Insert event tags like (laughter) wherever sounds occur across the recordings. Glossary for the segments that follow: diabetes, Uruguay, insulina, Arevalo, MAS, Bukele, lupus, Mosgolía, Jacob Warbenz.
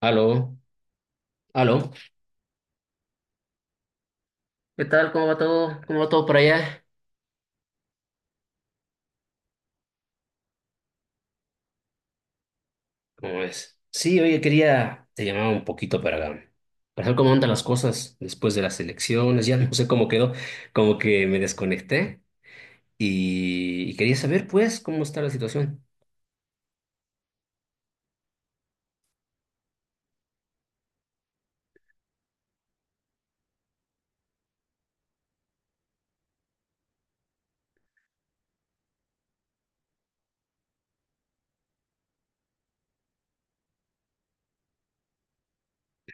Aló, aló. ¿Qué tal? ¿Cómo va todo? ¿Cómo va todo por allá? ¿Cómo ves? Sí, oye, te llamaba un poquito para ver cómo andan las cosas después de las elecciones, ya (laughs) no sé cómo quedó, como que me desconecté y quería saber, pues, cómo está la situación.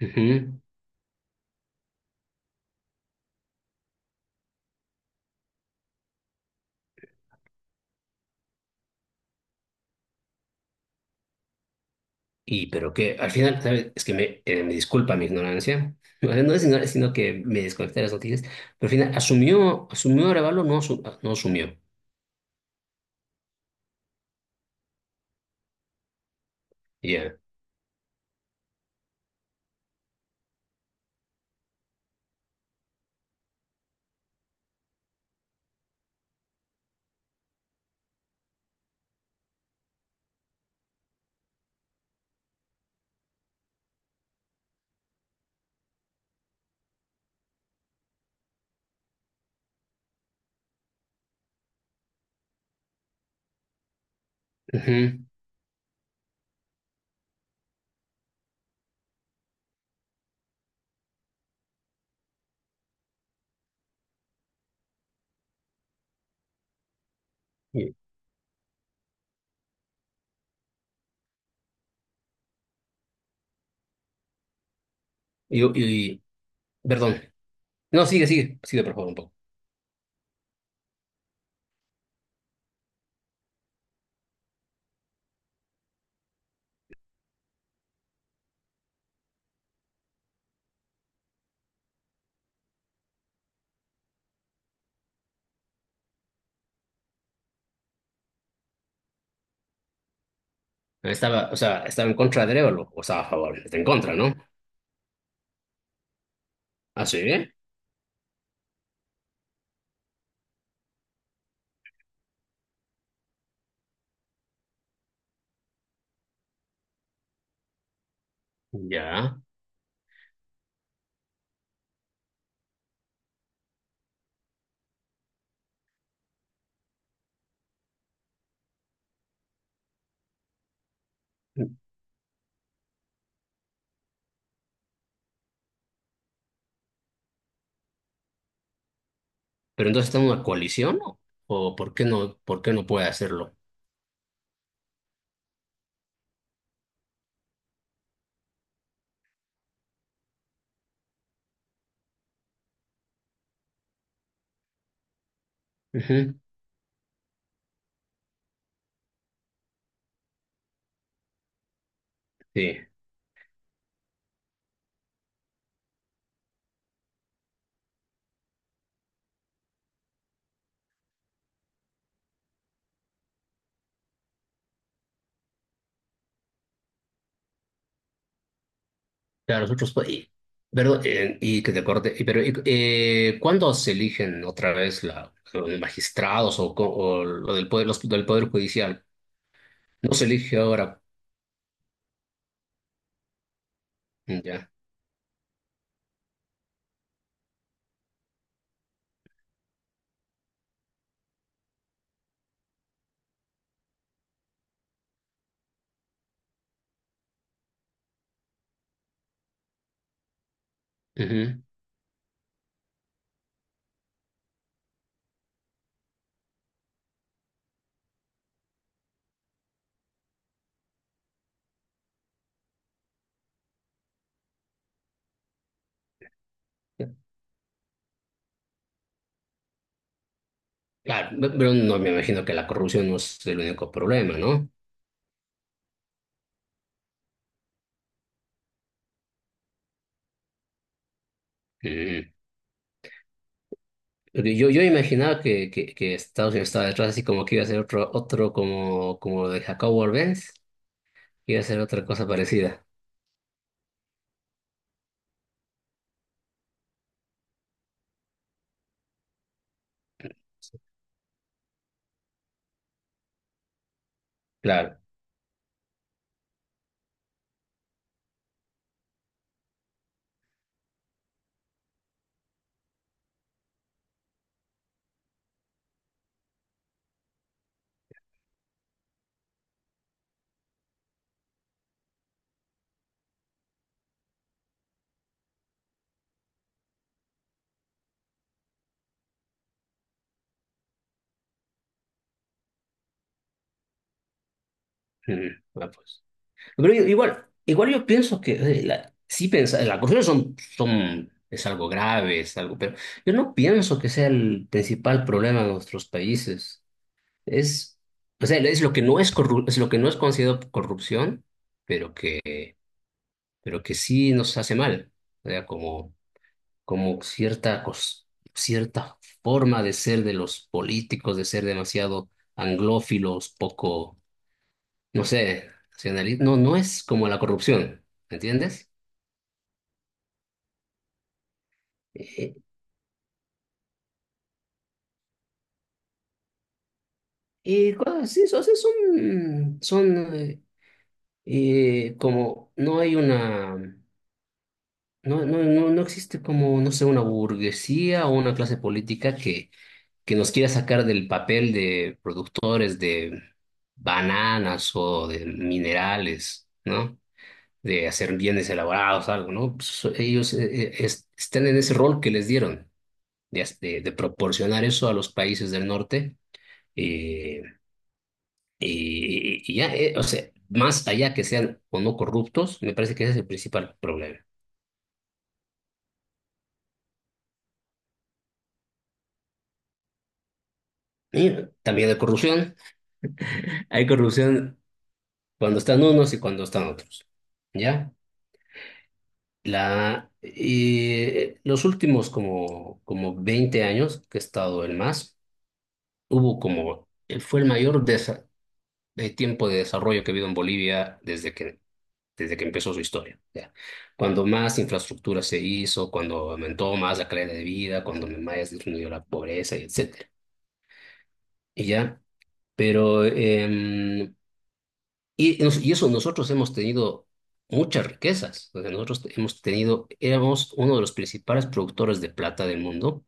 Ujú. Y pero que al final, ¿sabes? Es que me disculpa mi ignorancia, (laughs) o sea, no es ignorancia, sino que me desconecté de las noticias, pero al final asumió Arevalo, no, no asumió. Ya. Ujú. Y, y, y- Perdón. No, sigue, sigue, sigue, por favor, un poco. Estaba, o sea, estaba en contra de Arevalo, o estaba a favor, está en contra, ¿no? Ah, sí, ya. Pero entonces está en una coalición, ¿no? ¿O por qué no, puede hacerlo? Ujú. Sí, claro, nosotros, pues, y que te corte, ¿cuándo se eligen otra vez los magistrados, o lo del poder, los del poder judicial? No se elige ahora, ya. Ujú. Claro, pero no me imagino que la corrupción no es el único problema, ¿no? Ujú. Pero yo imaginaba que Estados Unidos estaba detrás, así como que iba a ser otro, como lo de Jacob Warbenz, que iba a ser otra cosa parecida. Claro. Mm, bueno, pues. Pero igual yo pienso que sí, las acusaciones son, es algo grave, es algo, pero yo no pienso que sea el principal problema de nuestros países. Es, o sea, es lo que no es es lo que no es considerado corrupción, pero que sí nos hace mal. O sea, como como cierta, cos- cierta forma de ser de los políticos, de ser demasiado anglófilos, poco, no sé, nacionalistas. No, no es como la corrupción, ¿entiendes? Eh, Y cosas así, o sea, son, como, no hay una, no existe, como, no sé, una burguesía o una clase política que nos quiera sacar del papel de productores de bananas o de minerales, ¿no? De hacer bienes elaborados, algo, ¿no? Pues, ellos están en ese rol que les dieron, de proporcionar eso a los países del norte. eh, y ya, o sea, más allá que sean o no corruptos, me parece que ese es el principal problema. Y también hay corrupción. (laughs) Hay corrupción cuando están unos y cuando están otros. ¿Ya? Y los últimos como 20 años que he estado el MAS, hubo como, fue el mayor de tiempo de desarrollo que ha habido en Bolivia desde que empezó su historia. Ya. Cuando más infraestructura se hizo, cuando aumentó más la calidad de vida, cuando más disminuyó la pobreza, y etcétera. Y ya, pero, y eso nosotros hemos tenido muchas riquezas. O sea, nosotros éramos uno de los principales productores de plata del mundo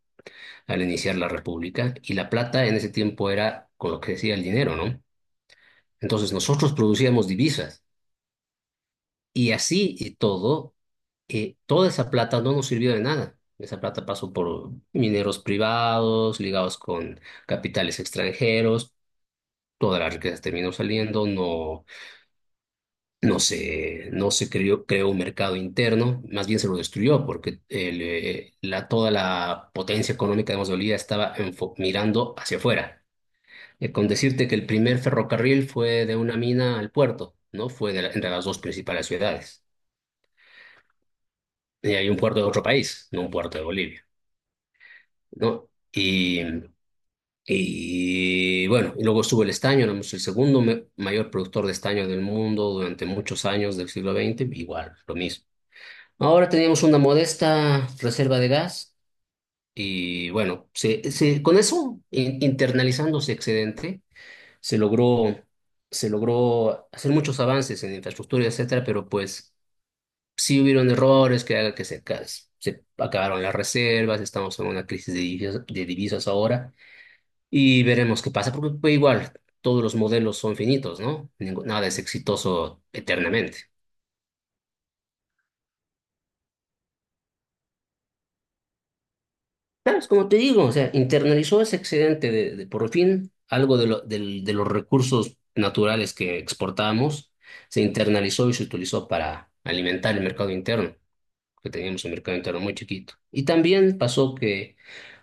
al iniciar la República, y la plata en ese tiempo era con lo que decía el dinero, ¿no? Entonces nosotros producíamos divisas y, así y todo, toda esa plata no nos sirvió de nada. Esa plata pasó por mineros privados, ligados con capitales extranjeros. Todas las riquezas terminó saliendo, no. No se creó un mercado interno, más bien se lo destruyó, porque toda la potencia económica de Mosgolía estaba mirando hacia afuera. Con decirte que el primer ferrocarril fue de una mina al puerto, ¿no? Fue entre las dos principales ciudades. Y hay un puerto de otro país, no un puerto de Bolivia, ¿no? Y bueno, y luego estuvo el estaño, éramos el segundo mayor productor de estaño del mundo durante muchos años del siglo XX, igual, lo mismo. Ahora teníamos una modesta reserva de gas y bueno, con eso, internalizando ese excedente, se logró, se logró hacer muchos avances en infraestructura, etcétera, pero pues sí hubieron errores que haga que se acabaron las reservas, estamos en una crisis de divisas, ahora, y veremos qué pasa, porque pues, igual todos los modelos son finitos, ¿no? Nada es exitoso eternamente. ¿Sabes? Como te digo, o sea, internalizó ese excedente de por fin algo de los recursos naturales que exportamos, se internalizó y se utilizó para alimentar el mercado interno, que teníamos un mercado interno muy chiquito. Y también pasó que,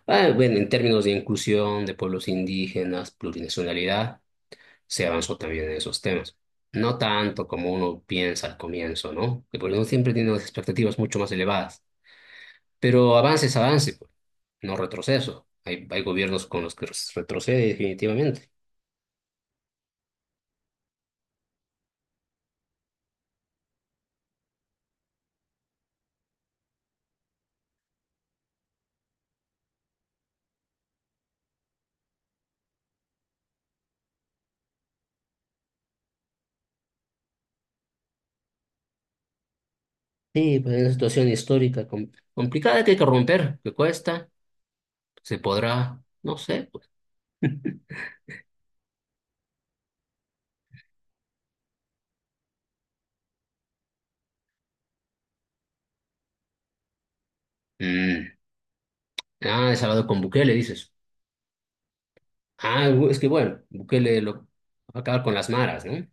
bueno, en términos de inclusión de pueblos indígenas, plurinacionalidad, se avanzó también en esos temas. No tanto como uno piensa al comienzo, ¿no? Que por uno siempre tiene unas expectativas mucho más elevadas. Pero avance es avance, pues, no retroceso. Hay gobiernos con los que retrocede definitivamente. Sí, pues es una situación histórica complicada que hay que romper, que cuesta, se podrá, no sé, pues. Mm. Ah, has hablado con Bukele, dices. Ah, es que bueno, Bukele lo va a acabar con las maras, ¿no?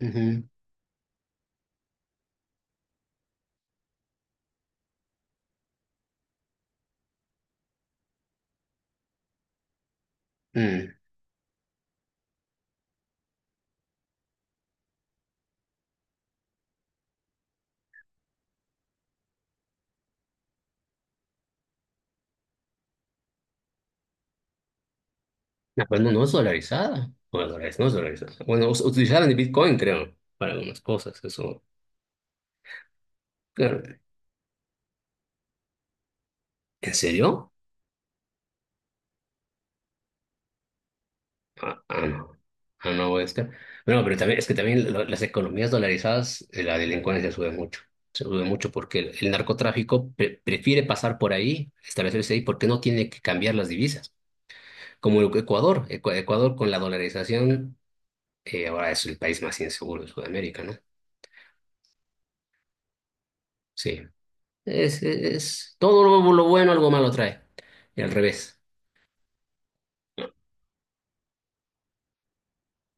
Ujú. Mm. No, pues no, no es dolarizada. Bueno, dolarizada, no es dolarizada. Bueno, utilizaron el Bitcoin, creo, para algunas cosas, eso. Claro. ¿En serio? Ah, ah, no. Ah, no, es que... Bueno, pero también, es que también las economías dolarizadas, la delincuencia sube mucho. Se sube mucho porque el narcotráfico prefiere pasar por ahí, establecerse ahí, porque no tiene que cambiar las divisas. Como Ecuador, Ecuador, con la dolarización, ahora es el país más inseguro de Sudamérica, ¿no? Sí. Todo lo bueno, algo malo trae. Y al revés.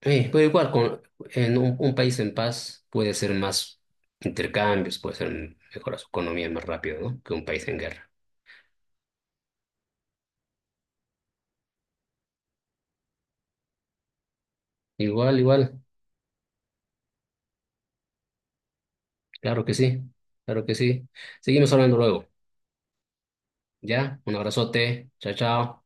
Pero igual, en un país en paz puede ser más intercambios, puede ser mejora su economía más rápido, ¿no? Que un país en guerra. Igual, igual. Claro que sí. Claro que sí. Seguimos hablando luego. ¿Ya? Un abrazote. Chao, chao.